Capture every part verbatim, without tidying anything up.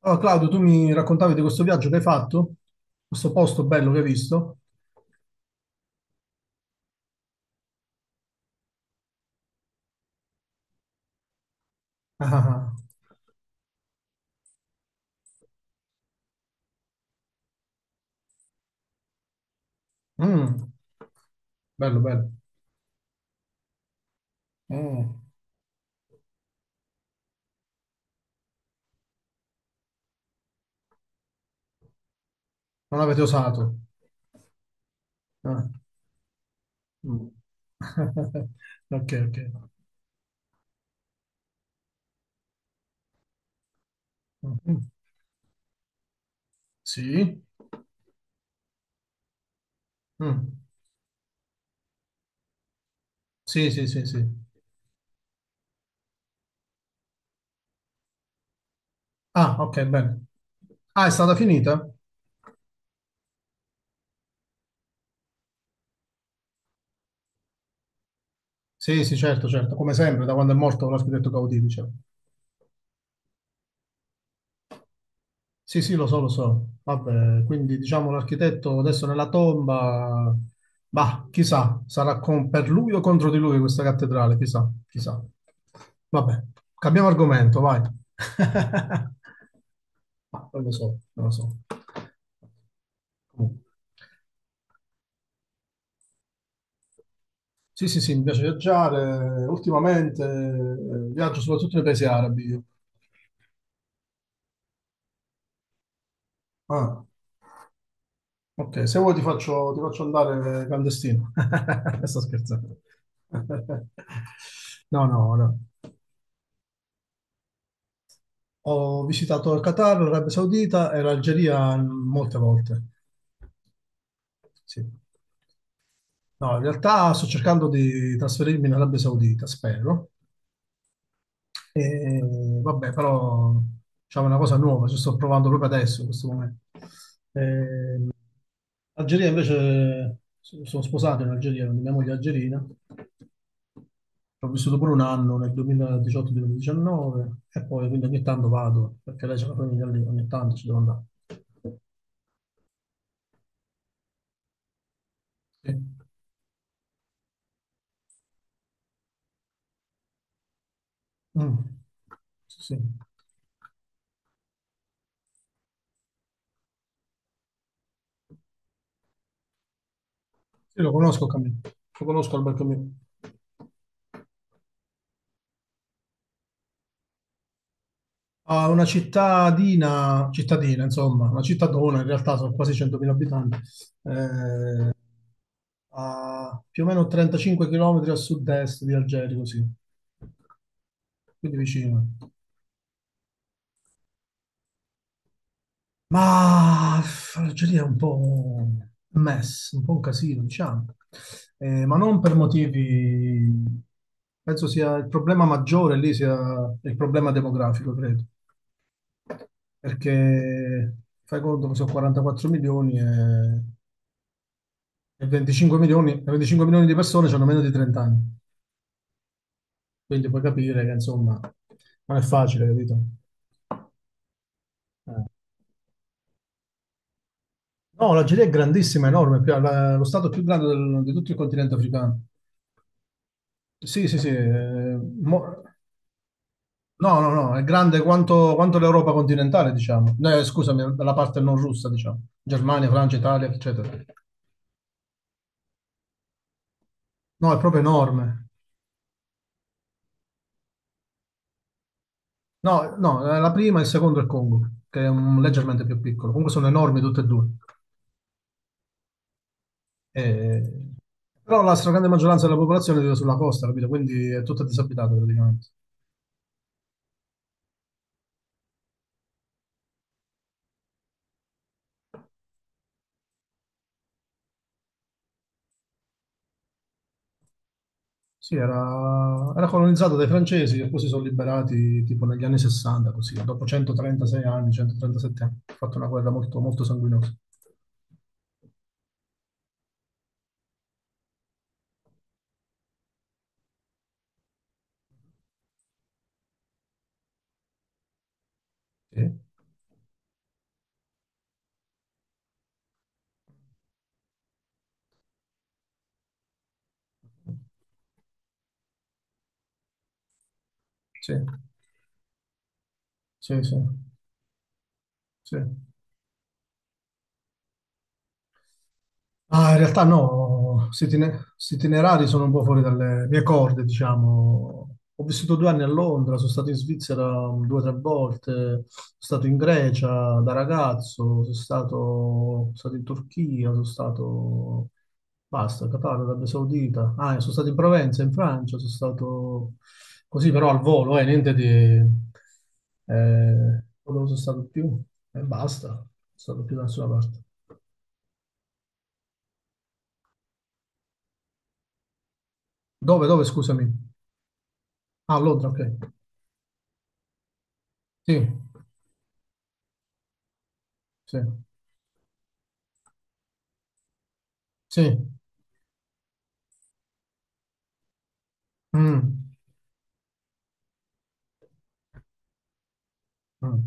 Allora, Claudio, tu mi raccontavi di questo viaggio che hai fatto, questo posto bello che hai visto. Ah, ah, ah. Mm, bello, bello. Mm, non avete osato. Ah, mm. Ok, ok. Mm, sì. Mm, sì, sì, sì, sì. Ah, ok, bene. Ah, è stata finita? Sì, sì, certo, certo. Come sempre, da quando è morto l'architetto Gaudì, diciamo. Sì, sì, lo so, lo so. Vabbè, quindi diciamo l'architetto adesso nella tomba, bah, chissà, sarà con- per lui o contro di lui questa cattedrale, chissà, chissà. Vabbè, cambiamo argomento, vai. Ma non lo so, non lo so. Comunque. Sì, sì, sì, mi piace viaggiare. Ultimamente eh, viaggio soprattutto nei paesi arabi, io. Ah. Ok, se vuoi ti faccio, ti faccio andare clandestino. Sto scherzando. No, no, no. Ho visitato il Qatar, l'Arabia Saudita e l'Algeria molte volte. Sì. No, in realtà sto cercando di trasferirmi in Arabia Saudita, spero. E, vabbè, però diciamo, è una cosa nuova, ci sto provando proprio adesso, in questo momento. Ehm, Algeria invece so- sono sposato in Algeria, quindi mia moglie è algerina. Ho vissuto pure un anno nel duemiladiciotto-duemiladiciannove e poi quindi ogni tanto vado, perché lei c'è la famiglia lì, ogni tanto ci devo andare. Sì, mm. Sì, sì. Sì, lo conosco Camillo, lo conosco Alberto Camillo. Ah, una cittadina, cittadina, insomma, una cittadona, in realtà sono quasi centomila abitanti, eh, a più o meno trentacinque chilometri a sud-est di Algeri, così, quindi vicino. Ma l'Algeria è un po' un mess, un po' un casino, diciamo. Eh, ma non per motivi. Penso sia il problema maggiore lì sia il problema demografico, credo. Perché fai conto che sono quarantaquattro milioni e, e venticinque milioni, e venticinque milioni di persone hanno meno di trenta anni. Quindi puoi capire che, insomma, non è facile, capito? No, l'Algeria è grandissima, enorme, è più- la- lo stato più grande del- di tutto il continente africano. Sì, sì, sì. eh, mo- No, no, no, è grande quanto, quanto, l'Europa continentale, diciamo. No, Eh, scusami, la parte non russa, diciamo. Germania, Francia, Italia, eccetera. No, è proprio enorme. No, no, eh, la prima e il secondo è il Congo, che è un- leggermente più piccolo. Comunque sono enormi tutte e due. Eh, Però la stragrande maggioranza della popolazione vive sulla costa, capito? Quindi è tutta disabitata praticamente. Sì, era, era colonizzato dai francesi che poi si sono liberati tipo negli anni sessanta, così, dopo centotrentasei anni, centotrentasette anni. Ha fatto una guerra molto, molto sanguinosa. Sì, sì, sì, sì, sì. Ah, in realtà no, questi itine- questi itinerari sono un po' fuori dalle mie corde, diciamo. Ho vissuto due anni a Londra, sono stato in Svizzera um, due o tre volte, sono stato in Grecia da ragazzo, sono stato, sono stato in Turchia, sono stato, basta, Qatar, Arabia Saudita, ah, e sono stato in Provenza, in Francia, sono stato così però al volo, eh, niente di. Eh, dove sono stato più? E basta, non sono stato più da nessuna parte. Dove, dove, scusami? Ah, a Londra, ok. Sì, sì, sì. Mm, mm.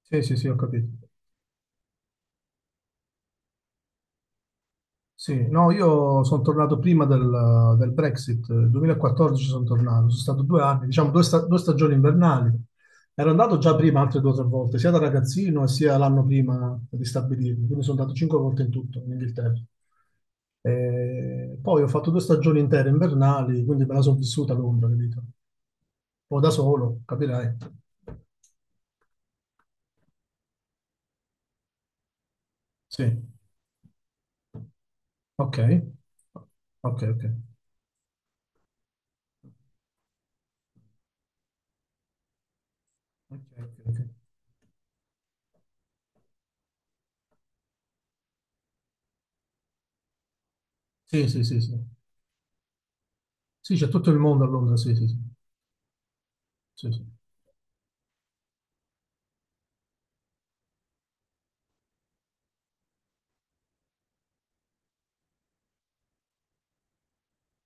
Sì, sì, sì, ho capito. Sì, no, io sono tornato prima del, del Brexit, nel duemilaquattordici sono tornato, sono stato due anni, diciamo due, sta- due stagioni invernali. Ero andato già prima altre due o tre volte, sia da ragazzino sia l'anno prima di stabilirmi, quindi sono andato cinque volte in tutto in Inghilterra. E poi ho fatto due stagioni intere invernali, quindi me la sono vissuta a Londra, capito? O da solo, capirai. Sì. Ok, ok, ok. Ok, ok, ok. Sì, sì, sì, sì. Sì, c'è tutto il mondo a Londra, sì, sì, sì. Sì, sì.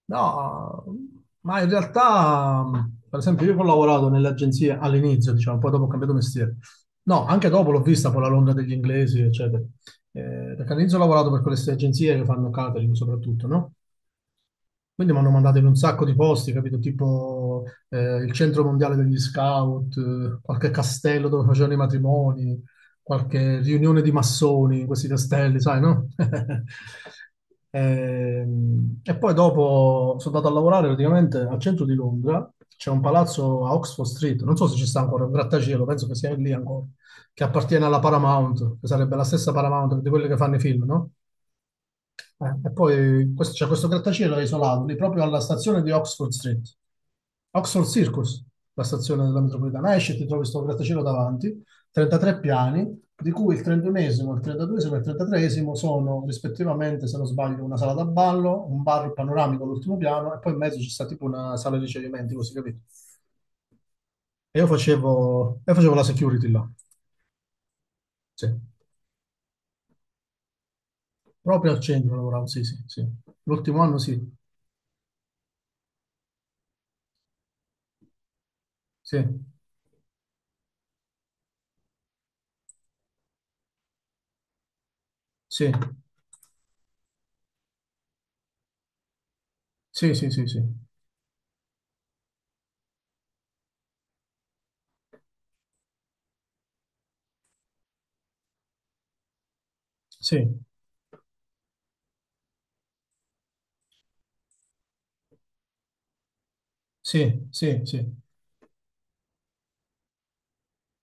No, ma in realtà, mh, per esempio, io che ho lavorato nelle agenzie all'inizio, diciamo, poi dopo ho cambiato mestiere. No, anche dopo l'ho vista poi la Londra degli inglesi, eccetera. Eh, perché all'inizio ho lavorato per queste agenzie che fanno catering soprattutto, no? Quindi mi hanno mandato in un sacco di posti, capito? Tipo eh, il centro mondiale degli scout, eh, qualche castello dove facevano i matrimoni, qualche riunione di massoni in questi castelli, sai, no? Ehm, E, poi dopo sono andato a lavorare praticamente al centro di Londra, c'è un palazzo a Oxford Street, non so se ci sta ancora, un grattacielo, penso che sia lì ancora, che appartiene alla Paramount, che sarebbe la stessa Paramount di quelle che fanno i film, no? Eh, e poi questo, c'è questo grattacielo isolato lì proprio alla stazione di Oxford Street, Oxford Circus, la stazione della metropolitana. Esci e ti trovi questo grattacielo davanti, trentatré piani, di cui il trentunesimo, il trentaduesimo e il trentatreesimo sono rispettivamente, se non sbaglio, una sala da ballo, un bar panoramico all'ultimo piano e poi in mezzo c'è sta tipo una sala di ricevimenti, così capito? E io facevo, io facevo, la security là, sì, proprio al centro lavoravo, sì, sì, sì. L'ultimo anno sì, sì, sì, sì, sì, sì, sì. Sì, sì, sì, sì,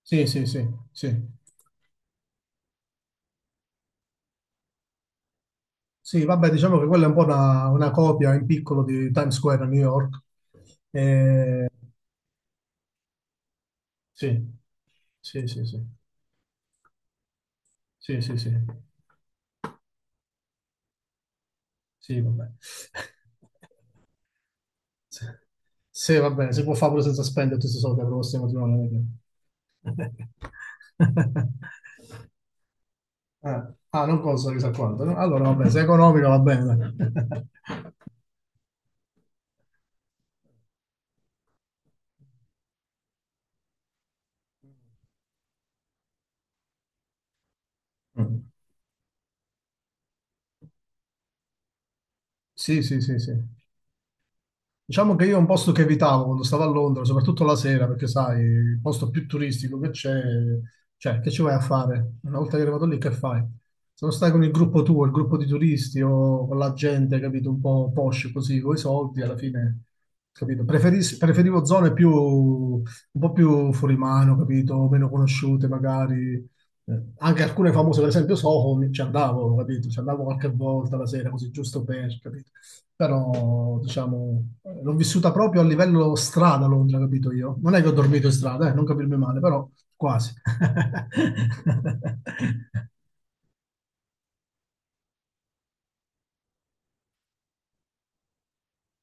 sì, sì, sì, sì. Sì, vabbè, diciamo che quella è un po' una, una copia in piccolo di Times Square a New York. Eh, sì, sì, sì, sì, sì, sì, sì, sì, vabbè. Sì, sì, va bene, si può fare pure senza spendere tutti i soldi per questo matrimonio. Non è che- Ah, ah, non costa chissà quanto, no? Allora, vabbè, se è economico va bene. Dai. Mm. Sì, sì, sì, sì. Diciamo che io è un posto che evitavo quando stavo a Londra, soprattutto la sera, perché sai, il posto più turistico che c'è, cioè, che ci vai a fare? Una volta che eri arrivato lì, che fai? Se non stai con il gruppo tuo, il gruppo di turisti o con la gente, capito, un po' posh così, con i soldi, alla fine, capito? Preferis- preferivo zone più, un po' più fuori mano, capito? Meno conosciute magari. Eh, anche alcune famose, per esempio Soho, mi- ci andavo, capito? Ci andavo qualche volta la sera, così giusto per, capito? Però diciamo l'ho vissuta proprio a livello strada a Londra, capito io? Non è che ho dormito in strada, eh, non capirmi male, però quasi.